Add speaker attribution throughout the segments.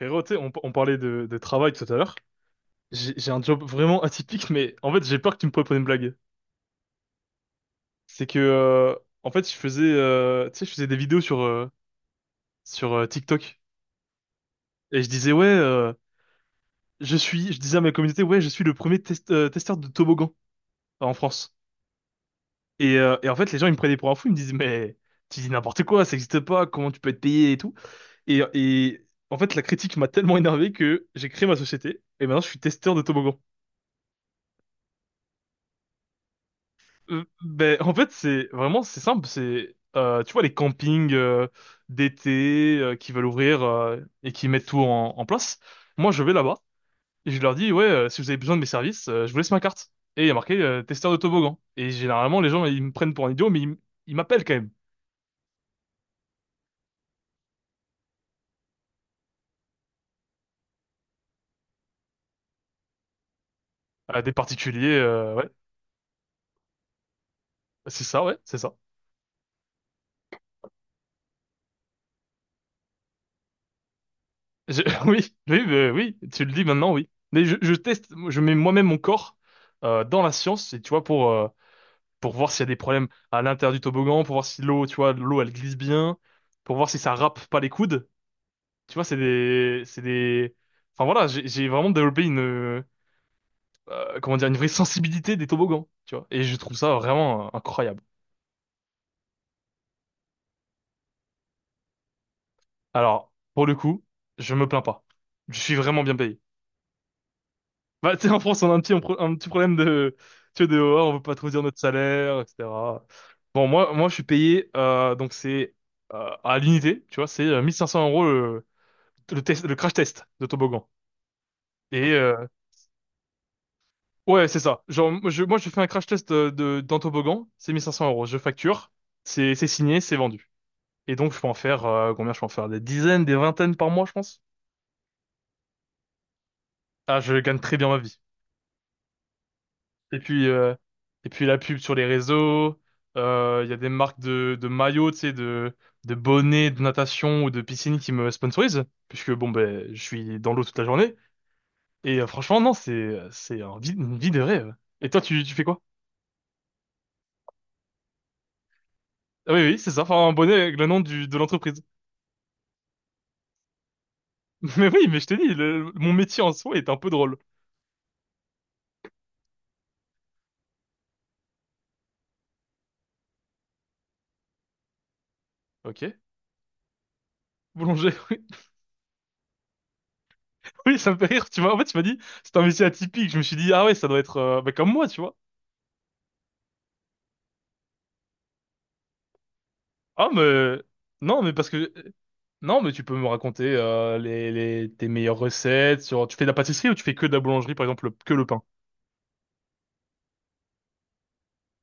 Speaker 1: Frérot, tu sais, on parlait de travail tout à l'heure. J'ai un job vraiment atypique, mais en fait, j'ai peur que tu me prépares une blague. C'est que, en fait, je faisais, tu sais, je faisais des vidéos sur TikTok. Et je disais, ouais, je disais à ma communauté, ouais, je suis le premier testeur de toboggan en France. Et en fait, les gens, ils me prenaient pour un fou, ils me disaient, mais tu dis n'importe quoi, ça n'existe pas, comment tu peux être payé et tout. Et en fait, la critique m'a tellement énervé que j'ai créé ma société, et maintenant, je suis testeur de toboggan. En fait, c'est simple. C'est tu vois les campings d'été qui veulent ouvrir et qui mettent tout en place. Moi, je vais là-bas et je leur dis ouais, si vous avez besoin de mes services, je vous laisse ma carte. Et il y a marqué testeur de toboggan. Et généralement, les gens ils me prennent pour un idiot, mais ils m'appellent quand même. Des particuliers, ouais, c'est ça, ouais, c'est ça. Je- oui, oui, oui, tu le dis maintenant, oui. Mais je teste, je mets moi-même mon corps dans la science, et tu vois pour voir s'il y a des problèmes à l'intérieur du toboggan, pour voir si l'eau, tu vois, l'eau elle glisse bien, pour voir si ça râpe pas les coudes. Tu vois, c'est des, voilà, j'ai vraiment développé une, comment dire, une vraie sensibilité des toboggans, tu vois. Et je trouve ça vraiment incroyable. Alors, pour le coup, je me plains pas. Je suis vraiment bien payé. Bah, tu sais, en France, on a un petit problème de, tu vois, de, oh, on veut pas trop dire notre salaire, etc. Bon, moi, je suis payé, donc c'est à l'unité, tu vois, c'est 1 500 euros le test, le crash test de toboggan. Et ouais, c'est ça. Genre, moi, je fais un crash test d'un toboggan, c'est 1 500 euros. Je facture, c'est signé, c'est vendu. Et donc, je peux en faire, combien je peux en faire? Des dizaines, des vingtaines par mois, je pense. Ah, je gagne très bien ma vie. Et puis, euh, et puis la pub sur les réseaux, il y a des marques de maillots, tu sais, de bonnets de natation ou de piscine qui me sponsorisent, puisque bon, ben, je suis dans l'eau toute la journée. Et franchement, non, c'est une vie de rêve. Et toi, tu fais quoi? Ah oui, oui, c'est ça. Enfin, un bonnet avec le nom de l'entreprise. Mais oui, mais je t'ai dit, mon métier en soi est un peu drôle. Ok. Boulanger, oui. Oui, ça me fait rire. Tu vois, en fait, tu m'as dit, c'est un métier atypique. Je me suis dit, ah ouais, ça doit être bah, comme moi, tu vois. Ah, mais... Non, mais parce que... Non, mais tu peux me raconter tes meilleures recettes sur... Tu fais de la pâtisserie ou tu fais que de la boulangerie, par exemple, que le pain?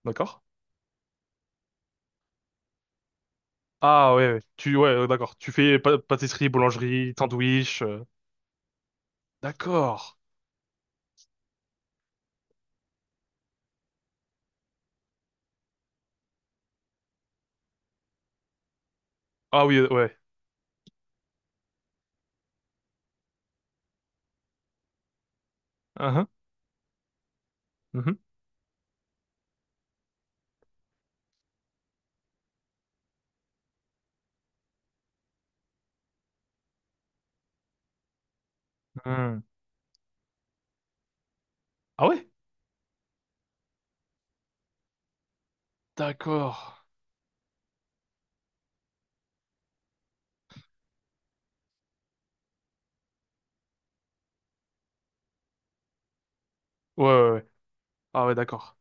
Speaker 1: D'accord? Ah ouais, ouais. Ouais, d'accord. Tu fais pâtisserie, boulangerie, sandwich... D'accord. Ah oui, ouais. Uhum. Mhm. Hmm. Ah ouais? D'accord. Ouais, ouais, ouais. Ah ouais, d'accord.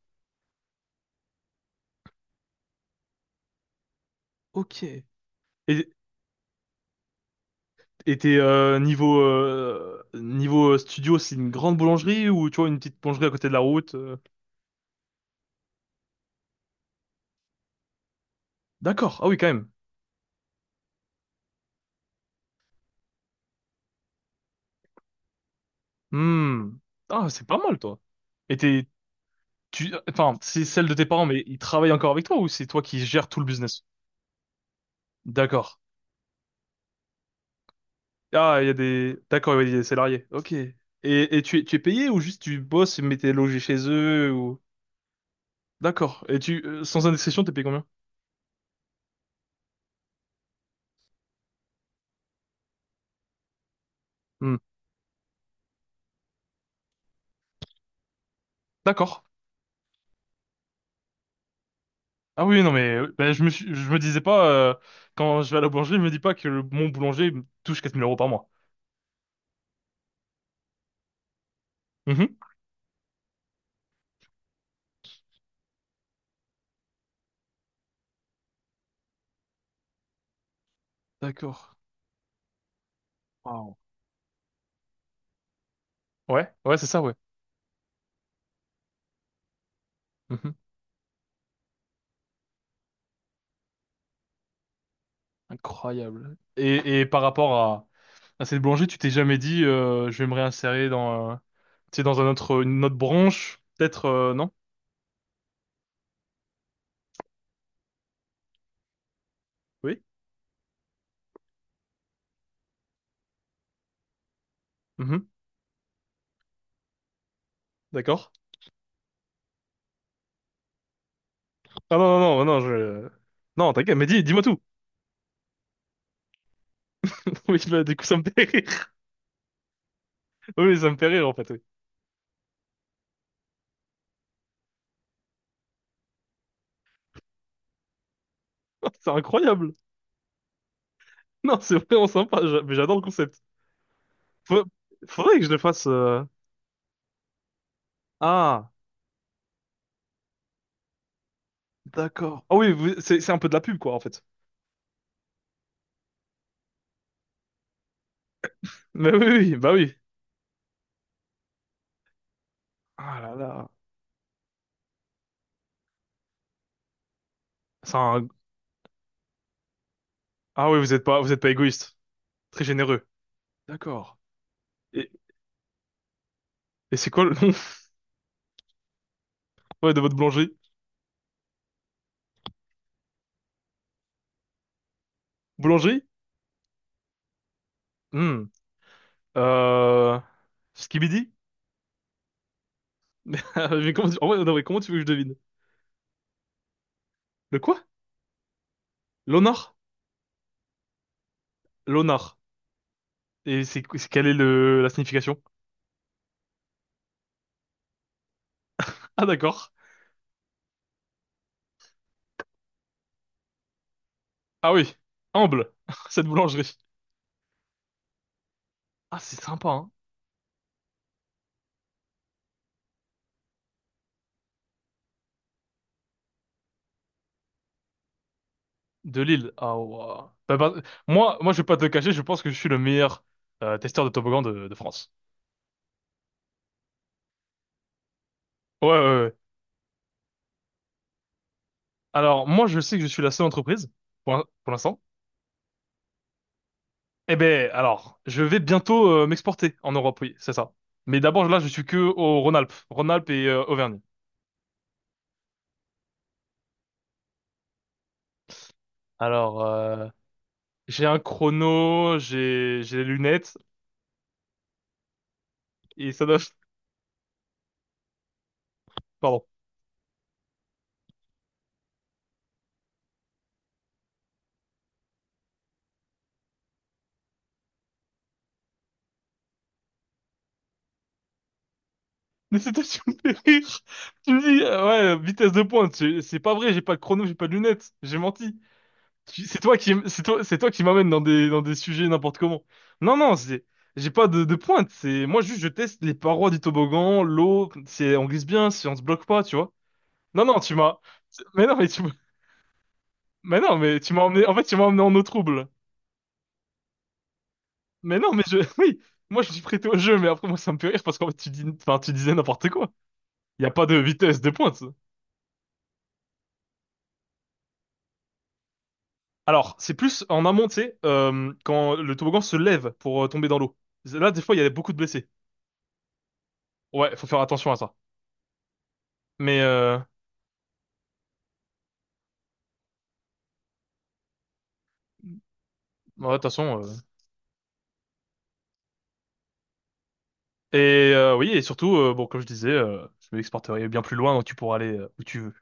Speaker 1: Ok. Et et t'es niveau studio, c'est une grande boulangerie ou tu vois une petite boulangerie à côté de la route? D'accord. Ah oui, quand même. Hmm. Ah, c'est pas mal, toi. Et t'es tu enfin, c'est celle de tes parents, mais ils travaillent encore avec toi ou c'est toi qui gères tout le business? D'accord. Ah, il y a des d'accord, ouais, il y a des salariés. Ok. Et tu es payé ou juste tu bosses mais t'es logé chez eux ou d'accord. Et tu sans indiscrétion, t'es payé combien? Hmm. D'accord. Ah oui, non, mais ben, je me disais pas, quand je vais à la boulangerie, je me dis pas que mon boulanger me touche 4 000 euros par mois. Mhm. D'accord. Wow. Ouais, ouais, c'est ça, ouais. Mhm. Incroyable. Et, à cette boulangerie, tu t'es jamais dit, je vais me réinsérer dans, tu sais, une autre branche, peut-être, non? Oui? Mhm. D'accord. Ah non, non, non, non, je... Non, t'inquiète, mais dis-moi tout. Oui, bah, du coup, ça me fait rire. Oui, ça me fait rire, en fait, oui. C'est incroyable. Non, c'est vraiment sympa, mais j'adore le concept. Faut- Faudrait que je le fasse. Ah, d'accord. Ah oui, c'est un peu de la pub quoi en fait. Mais oui, oui, oui, bah oui. Ah là là. C'est un. Ah oui, vous êtes pas égoïste. Très généreux. D'accord. Et, et c'est quoi le nom ouais, de votre boulangerie? Boulangerie? Hmm. Euh... Skibidi? Mais comment tu... en vrai, non, mais comment tu veux que je devine? Le quoi? L'honneur? L'honneur. Et quelle est le... la signification? Ah d'accord. Ah oui. Humble. Cette boulangerie. Ah c'est sympa, hein. De Lille. Ah, ouais, bah, bah, moi, je vais pas te le cacher, je pense que je suis le meilleur testeur de toboggan de France. Ouais, ouais, ouais. Alors, moi, je sais que je suis la seule entreprise, pour l'instant. Eh ben, alors, je vais bientôt m'exporter en Europe, oui, c'est ça. Mais d'abord, là, je suis que au Rhône-Alpes. Rhône-Alpes et Auvergne. Alors, j'ai un chrono, j'ai des lunettes, et ça doit... Pardon. Mais c'était sur mes rire. Tu me dis, ouais, vitesse de pointe, c'est pas vrai, j'ai pas de chrono, j'ai pas de lunettes, j'ai menti. C'est toi qui, c'est toi qui m'amène dans des sujets n'importe comment. Non, non, j'ai pas de pointe. C'est, moi juste, je teste les parois du toboggan, l'eau, si on glisse bien, si on se bloque pas, tu vois. Non, non, tu m'as, mais non, mais tu, m'as- mais non, mais tu m'as emmené, en fait, tu m'as emmené en eau trouble. Mais non, mais je, oui, moi je suis prêté au jeu, mais après moi ça me fait rire parce qu'en fait tu disais n'importe quoi. Il y a pas de vitesse de pointe. Alors, c'est plus en amont, tu sais, quand le toboggan se lève pour tomber dans l'eau. Là, des fois, il y a beaucoup de blessés. Ouais, faut faire attention à ça. Mais euh, ouais, de toute façon. Et oui, et surtout, bon, comme je disais, je m'exporterai bien plus loin, donc tu pourras aller où tu veux.